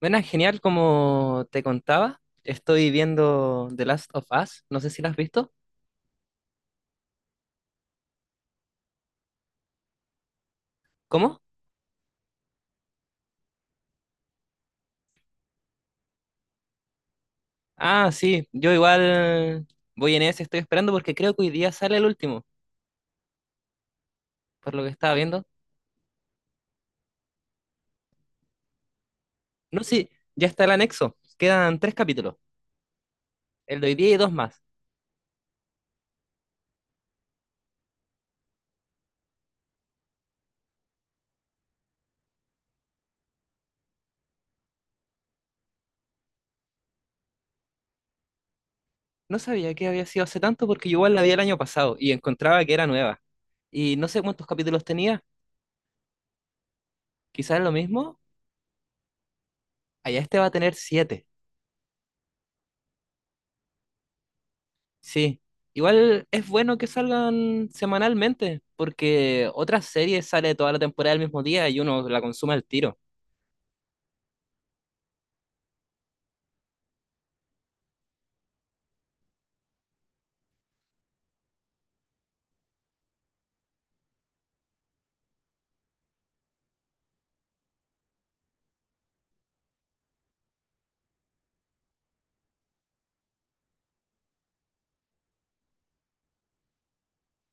Bueno, genial, como te contaba, estoy viendo The Last of Us, no sé si la has visto. ¿Cómo? Ah, sí, yo igual voy en ese, estoy esperando porque creo que hoy día sale el último, por lo que estaba viendo. No, sí, ya está el anexo, quedan tres capítulos, el de hoy día y dos más. No sabía que había sido hace tanto porque yo igual la vi el año pasado y encontraba que era nueva. Y no sé cuántos capítulos tenía, quizás lo mismo, allá este va a tener siete. Sí, igual es bueno que salgan semanalmente, porque otras series sale toda la temporada el mismo día y uno la consume al tiro.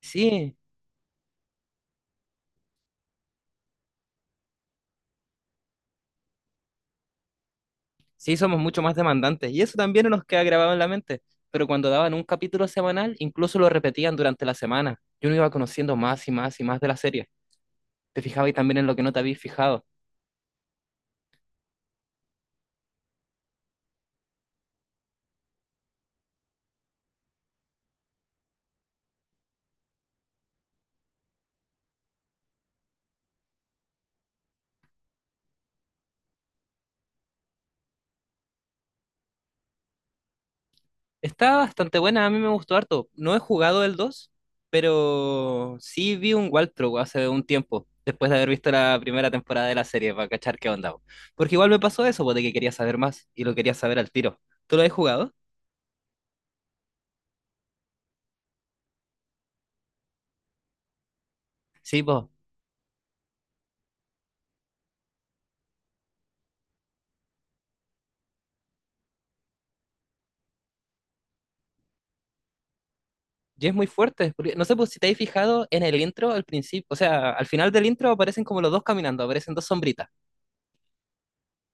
Sí, sí, somos mucho más demandantes y eso también nos queda grabado en la mente. Pero cuando daban un capítulo semanal, incluso lo repetían durante la semana. Y uno iba conociendo más y más y más de la serie. Te fijabas también en lo que no te habías fijado. Está bastante buena, a mí me gustó harto. No he jugado el dos, pero sí vi un walkthrough hace un tiempo, después de haber visto la primera temporada de la serie, para cachar qué onda, po. Porque igual me pasó eso, po, de que quería saber más y lo quería saber al tiro. ¿Tú lo has jugado? Sí, pues. Y es muy fuerte, no sé pues, si te has fijado en el intro al principio, o sea, al final del intro aparecen como los dos caminando, aparecen dos sombritas.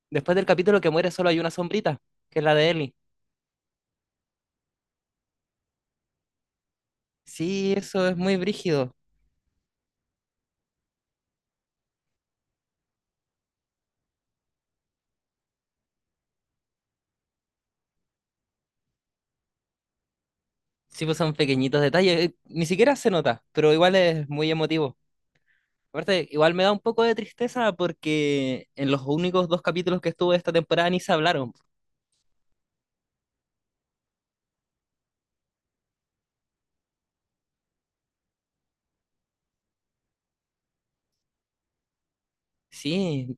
Después del capítulo que muere solo hay una sombrita, que es la de Ellie. Sí, eso es muy brígido. Sí, pues son pequeñitos detalles, ni siquiera se nota, pero igual es muy emotivo. Aparte, igual me da un poco de tristeza porque en los únicos dos capítulos que estuvo esta temporada ni se hablaron. Sí,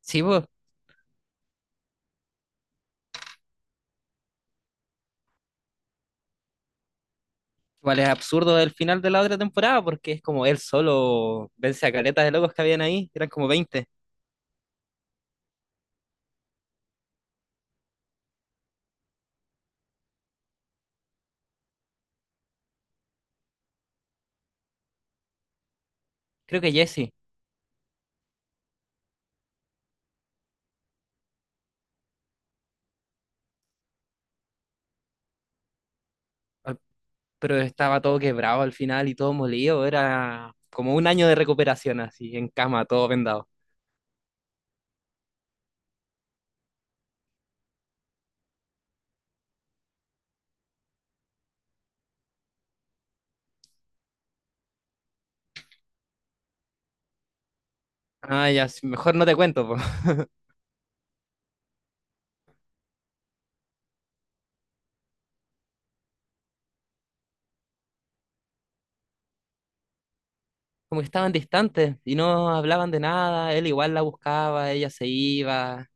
sí, pues igual es absurdo el final de la otra temporada porque es como él solo vence a caletas de locos que habían ahí, eran como 20. Creo que Jesse, al- pero estaba todo quebrado al final y todo molido, era como un año de recuperación así, en cama, todo vendado. Ah, ya, sí, mejor no te cuento, como que estaban distantes y no hablaban de nada, él igual la buscaba, ella se iba.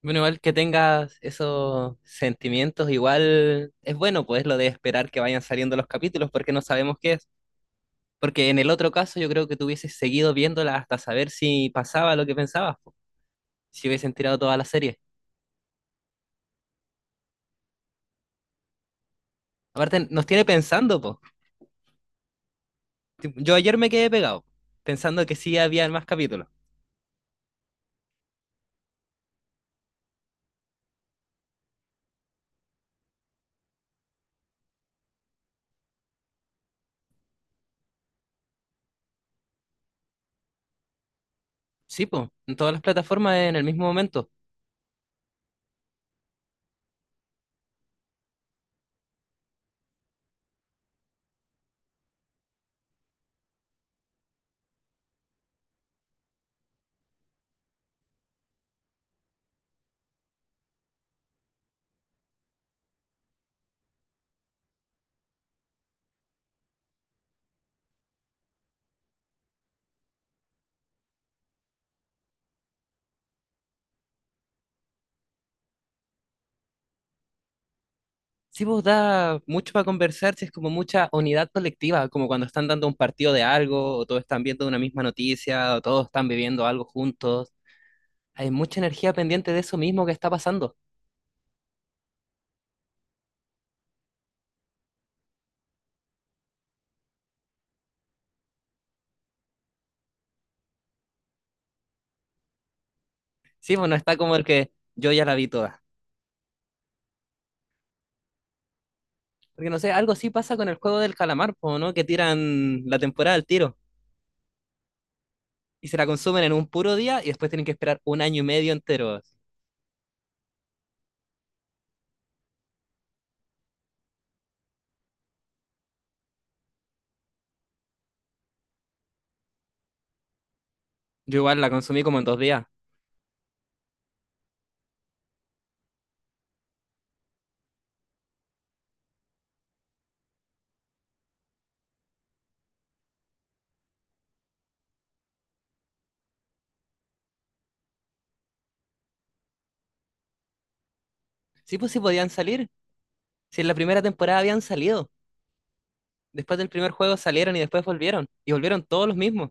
Bueno, igual que tengas esos sentimientos, igual es bueno, pues lo de esperar que vayan saliendo los capítulos porque no sabemos qué es. Porque en el otro caso yo creo que tú hubieses seguido viéndola hasta saber si pasaba lo que pensabas, po, si hubiesen tirado toda la serie. Aparte, nos tiene pensando, po. Tipo, yo ayer me quedé pegado, pensando que sí había más capítulos. Sí, po, en todas las plataformas en el mismo momento. Sí, vos da mucho para conversar, si es como mucha unidad colectiva, como cuando están dando un partido de algo, o todos están viendo una misma noticia, o todos están viviendo algo juntos. Hay mucha energía pendiente de eso mismo que está pasando. Sí, pues no está como el que yo ya la vi toda. Porque no sé, algo así pasa con el juego del calamar, po, ¿no? Que tiran la temporada al tiro y se la consumen en un puro día y después tienen que esperar un año y medio entero. Yo igual la consumí como en 2 días. Sí, pues sí podían salir. Si en la primera temporada habían salido. Después del primer juego salieron y después volvieron. Y volvieron todos los mismos.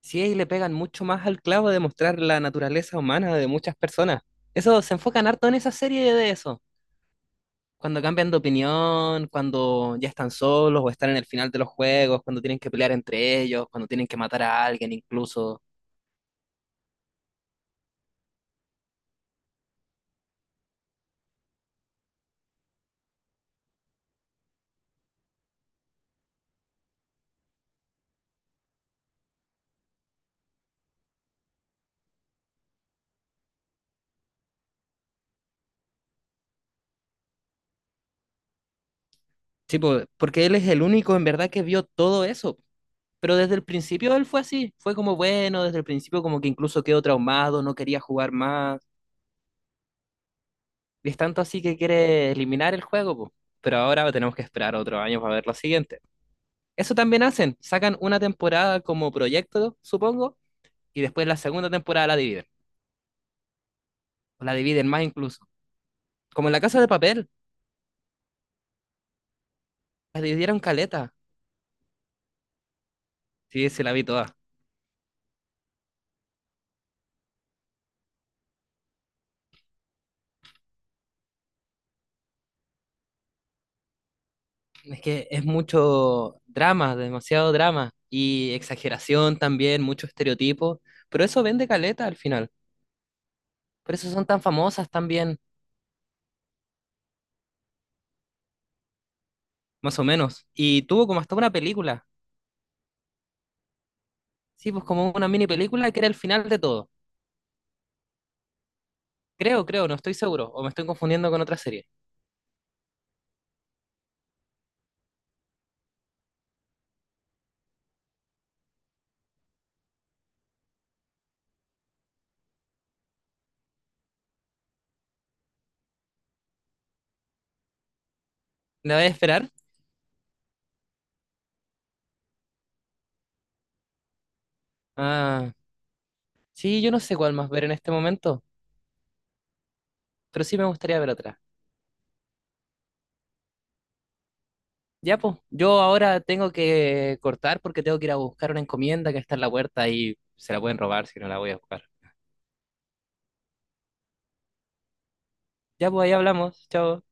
Sí, ahí le pegan mucho más al clavo de mostrar la naturaleza humana de muchas personas. Eso se enfocan harto en esa serie de eso. Cuando cambian de opinión, cuando ya están solos o están en el final de los juegos, cuando tienen que pelear entre ellos, cuando tienen que matar a alguien incluso. Sí, po, porque él es el único en verdad que vio todo eso. Pero desde el principio él fue así, fue como bueno, desde el principio como que incluso quedó traumado, no quería jugar más. Y es tanto así que quiere eliminar el juego, po. Pero ahora tenemos que esperar otro año para ver lo siguiente. Eso también hacen, sacan una temporada como proyecto, supongo, y después la segunda temporada la dividen. O la dividen más incluso. Como en La Casa de Papel, la dividieron caleta. Sí, se la vi toda. Es que es mucho drama, demasiado drama. Y exageración también, mucho estereotipo. Pero eso vende caleta al final. Por eso son tan famosas también, más o menos. Y tuvo como hasta una película. Sí, pues como una mini película que era el final de todo. Creo, creo, no estoy seguro. O me estoy confundiendo con otra serie. ¿La voy a esperar? Ah, sí, yo no sé cuál más ver en este momento, pero sí me gustaría ver otra. Ya, pues, yo ahora tengo que cortar porque tengo que ir a buscar una encomienda que está en la puerta y se la pueden robar si no la voy a buscar. Ya, pues, ahí hablamos. Chao.